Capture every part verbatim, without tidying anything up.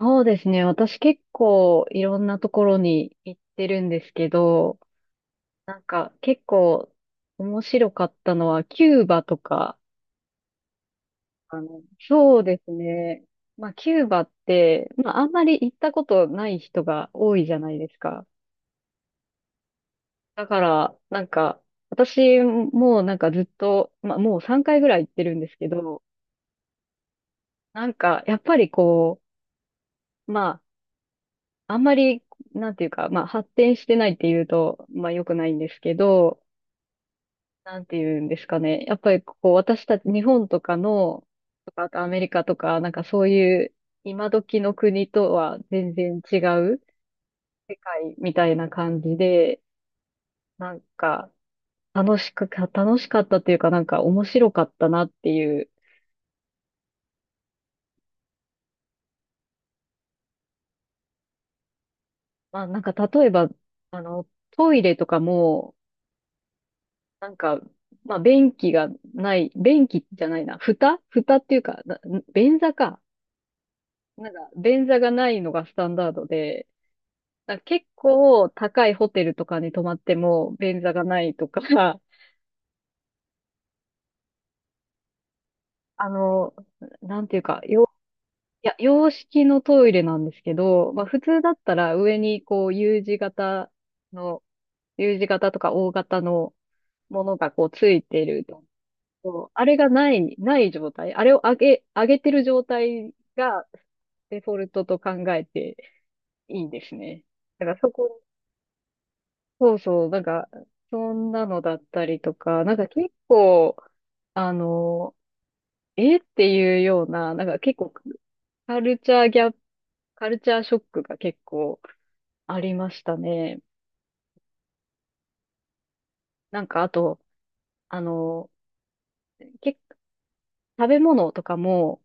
そうですね。私結構いろんなところに行ってるんですけど、なんか結構面白かったのはキューバとか、あの、そうですね。まあキューバって、まああんまり行ったことない人が多いじゃないですか。だからなんか私もなんかずっと、まあもうさんかいぐらい行ってるんですけど、なんかやっぱりこう、まああんまりなんていうか、まあ発展してないっていうと、まあ良くないんですけど、なんていうんですかね。やっぱりこう、私たち、日本とかの、とか、あとアメリカとか、なんかそういう、今時の国とは全然違う世界みたいな感じで、なんか、楽しくか、楽しかったっていうか、なんか面白かったなっていう。まあなんか例えば、あの、トイレとかも、なんか、まあ便器がない、便器じゃないな、蓋蓋っていうか、な便座か。なんか、便座がないのがスタンダードで、だから結構高いホテルとかに泊まっても便座がないとか、あの、なんていうか、よ、いや、洋式のトイレなんですけど、まあ普通だったら上にこう U 字型の、U 字型とか O 型のものがこうついてると。そうあれがない、ない状態。あれを上げ、上げてる状態がデフォルトと考えていいんですね。だからそこそうそう、なんか、そんなのだったりとか、なんか結構、あの、えっていうような、なんか結構カルチャーギャップ、カルチャーショックが結構ありましたね。なんかあと、あの、結食べ物とかも、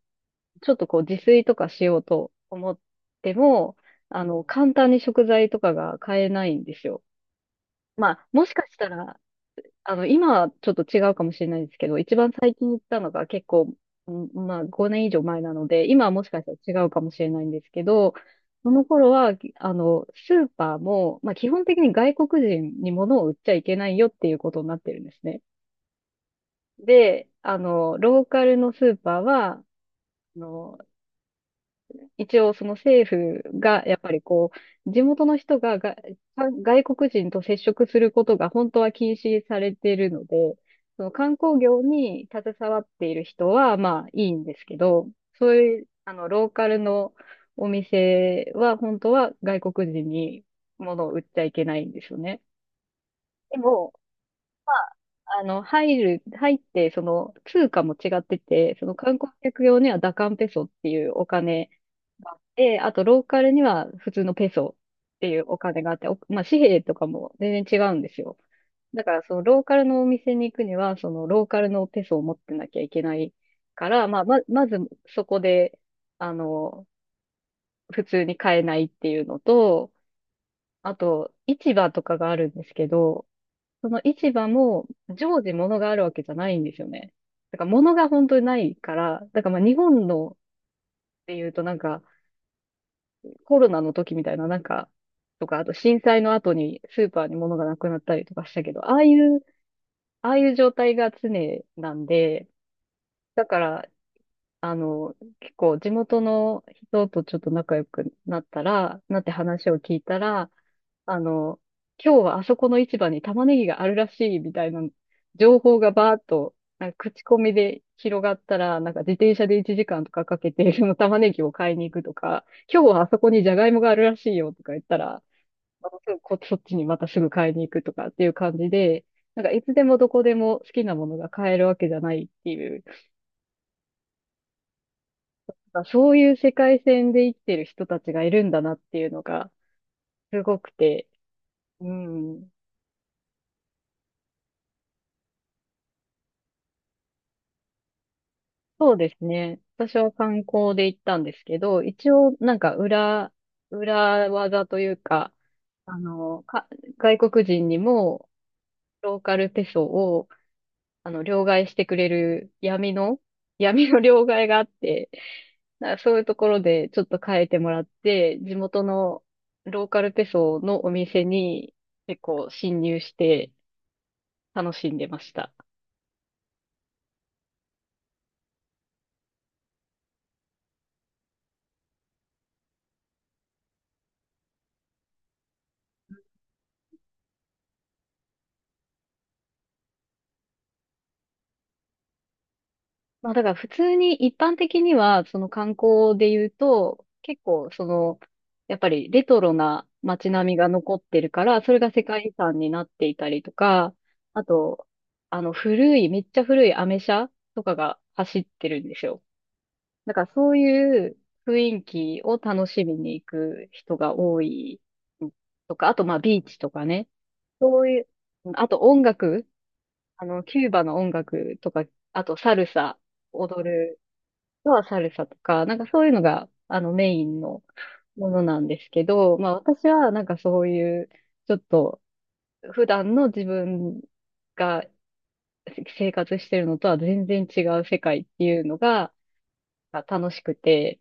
ちょっとこう自炊とかしようと思っても、あの、簡単に食材とかが買えないんですよ。まあ、もしかしたら、あの、今はちょっと違うかもしれないですけど、一番最近行ったのが結構、うんまあごねん以上前なので、今はもしかしたら違うかもしれないんですけど、その頃は、あの、スーパーも、まあ基本的に外国人に物を売っちゃいけないよっていうことになってるんですね。で、あの、ローカルのスーパーは、あの、一応その政府がやっぱりこう、地元の人が、が外国人と接触することが本当は禁止されているので、その観光業に携わっている人はまあいいんですけど、そういう、あの、ローカルのお店は本当は外国人に物を売っちゃいけないんですよね。でも、あの、入る、入って、その、通貨も違ってて、その観光客用にはダカンペソっていうお金、があって、あとローカルには普通のペソっていうお金があって、おまあ、紙幣とかも全然違うんですよ。だからそのローカルのお店に行くには、そのローカルのペソを持ってなきゃいけないから、まあ、ま、まずそこで、あの、普通に買えないっていうのと、あと、市場とかがあるんですけど、その市場も常時物があるわけじゃないんですよね。だから物が本当にないから、だからまあ日本のっていうとなんか、コロナの時みたいな、なんか、とか、あと震災の後にスーパーに物がなくなったりとかしたけど、ああいう、ああいう状態が常なんで、だから、あの、結構地元の人とちょっと仲良くなったら、なって話を聞いたら、あの、今日はあそこの市場に玉ねぎがあるらしいみたいな情報がバーっと、なんか口コミで広がったら、なんか自転車でいちじかんとかかけて、その玉ねぎを買いに行くとか、今日はあそこにジャガイモがあるらしいよとか言ったら、またすぐこ、そっちにまたすぐ買いに行くとかっていう感じで、なんかいつでもどこでも好きなものが買えるわけじゃないっていうあそういう世界線で生きてる人たちがいるんだなっていうのがすごくて、うん。そうですね。私は観光で行ったんですけど、一応なんか裏、裏技というか、あの、か、外国人にもローカルペソを、あの、両替してくれる闇の、闇の両替があって、なんかそういうところでちょっと変えてもらって、地元のローカルペソのお店に結構侵入して、楽しんでました。まあだから普通に一般的には、その観光で言うと、結構その、やっぱりレトロな街並みが残ってるから、それが世界遺産になっていたりとか、あと、あの古い、めっちゃ古いアメ車とかが走ってるんですよ。だからそういう雰囲気を楽しみに行く人が多いとか、あとまあビーチとかね、そういう、あと音楽あの、キューバの音楽とか、あとサルサ、踊る人はサルサとか、なんかそういうのが、あの、メインのものなんですけど、まあ私はなんかそういう、ちょっと普段の自分が生活してるのとは全然違う世界っていうのが楽しくて、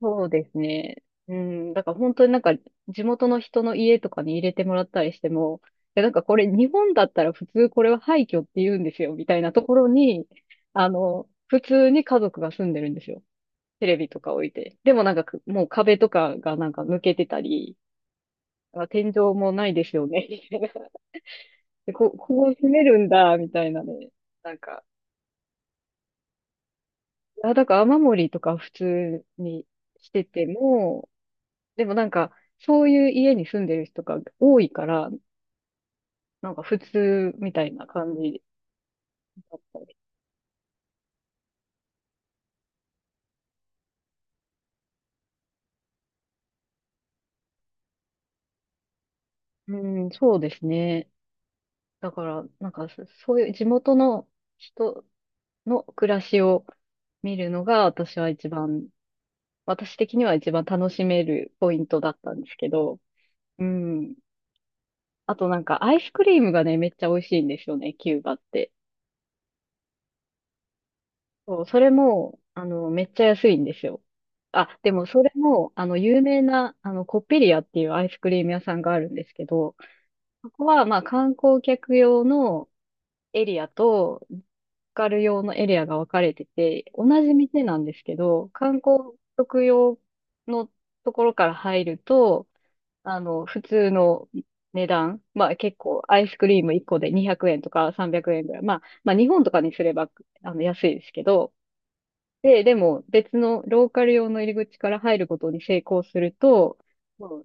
そうですね。うん。だから本当になんか地元の人の家とかに入れてもらったりしても、いやなんかこれ日本だったら普通これは廃墟って言うんですよ、みたいなところに、あの、普通に家族が住んでるんですよ。テレビとか置いて。でもなんかくもう壁とかがなんか抜けてたり、あ天井もないですよね、みたいな。で、こ、こう住めるんだ、みたいなね。なんか、あ、だから雨漏りとか普通にしてても、でもなんか、そういう家に住んでる人が多いから、なんか普通みたいな感じだったり。うん、そうですね。だから、なんかそそういう地元の人の暮らしを見るのが私は一番、私的には一番楽しめるポイントだったんですけど、うん。あとなんかアイスクリームがね、めっちゃ美味しいんですよね、キューバって。そう、それも、あの、めっちゃ安いんですよ。あ、でもそれも、あの、有名な、あの、コッペリアっていうアイスクリーム屋さんがあるんですけど、そこは、まあ、観光客用のエリアと、ローカル用のエリアが分かれてて、同じ店なんですけど、観光客用のところから入ると、あの、普通の値段、まあ、結構、アイスクリームいっこでにひゃくえんとかさんびゃくえんぐらい、まあ、まあ、日本とかにすれば、あの、安いですけど、で、でも別のローカル用の入り口から入ることに成功すると、も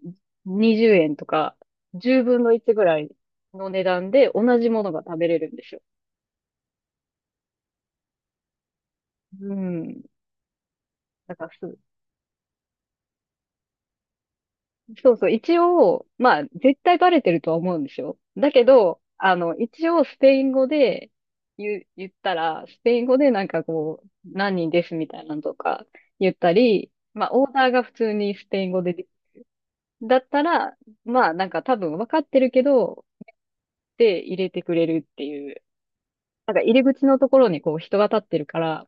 うにじゅうえんとかじゅうぶんのいちぐらいの値段で同じものが食べれるんですよ。うん。だからすそうそう、一応、まあ絶対バレてるとは思うんですよ。だけど、あの、一応スペイン語で言う、言ったら、スペイン語でなんかこう、何人ですみたいなのとか言ったり、まあオーダーが普通にスペイン語ででだったら、まあなんか多分分かってるけど、で入れてくれるっていう。なんか入り口のところにこう人が立ってるから、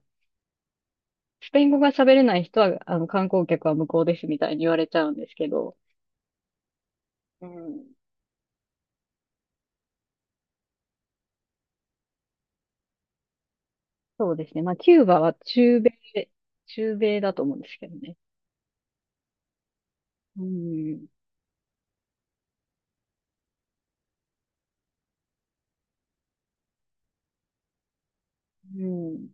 スペイン語が喋れない人は、あの観光客は無効ですみたいに言われちゃうんですけど、うん、そうですね。まあキューバは中米、中米だと思うんですけどね。うん、うん。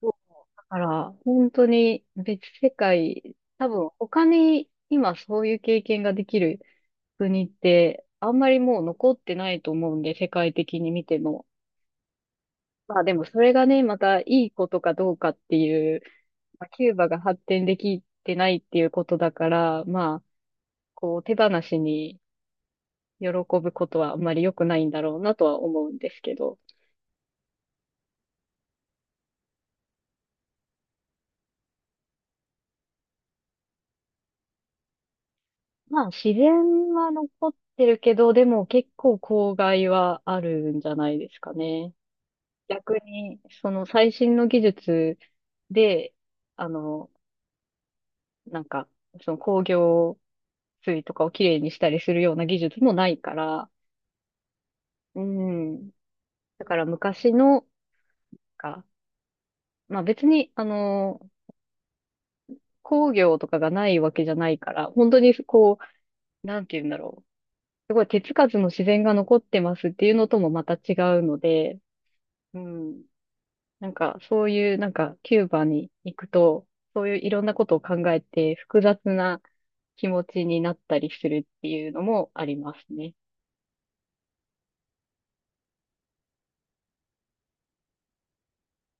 そう、だから本当に別世界、多分他に今そういう経験ができる国って、あんまりもう残ってないと思うんで、世界的に見ても。まあでもそれがね、またいいことかどうかっていう、まあ、キューバが発展できてないっていうことだから、まあ、こう手放しに喜ぶことはあんまり良くないんだろうなとは思うんですけど。まあ自然は残ってるけど、でも結構公害はあるんじゃないですかね。逆に、その最新の技術で、あの、なんか、その工業水とかをきれいにしたりするような技術もないから、うん。だから昔の、か、まあ別に、あの、工業とかがないわけじゃないから、本当にこう、なんて言うんだろう。すごい手つかずの自然が残ってますっていうのともまた違うので、うん。なんかそういう、なんかキューバに行くと、そういういろんなことを考えて複雑な気持ちになったりするっていうのもありますね。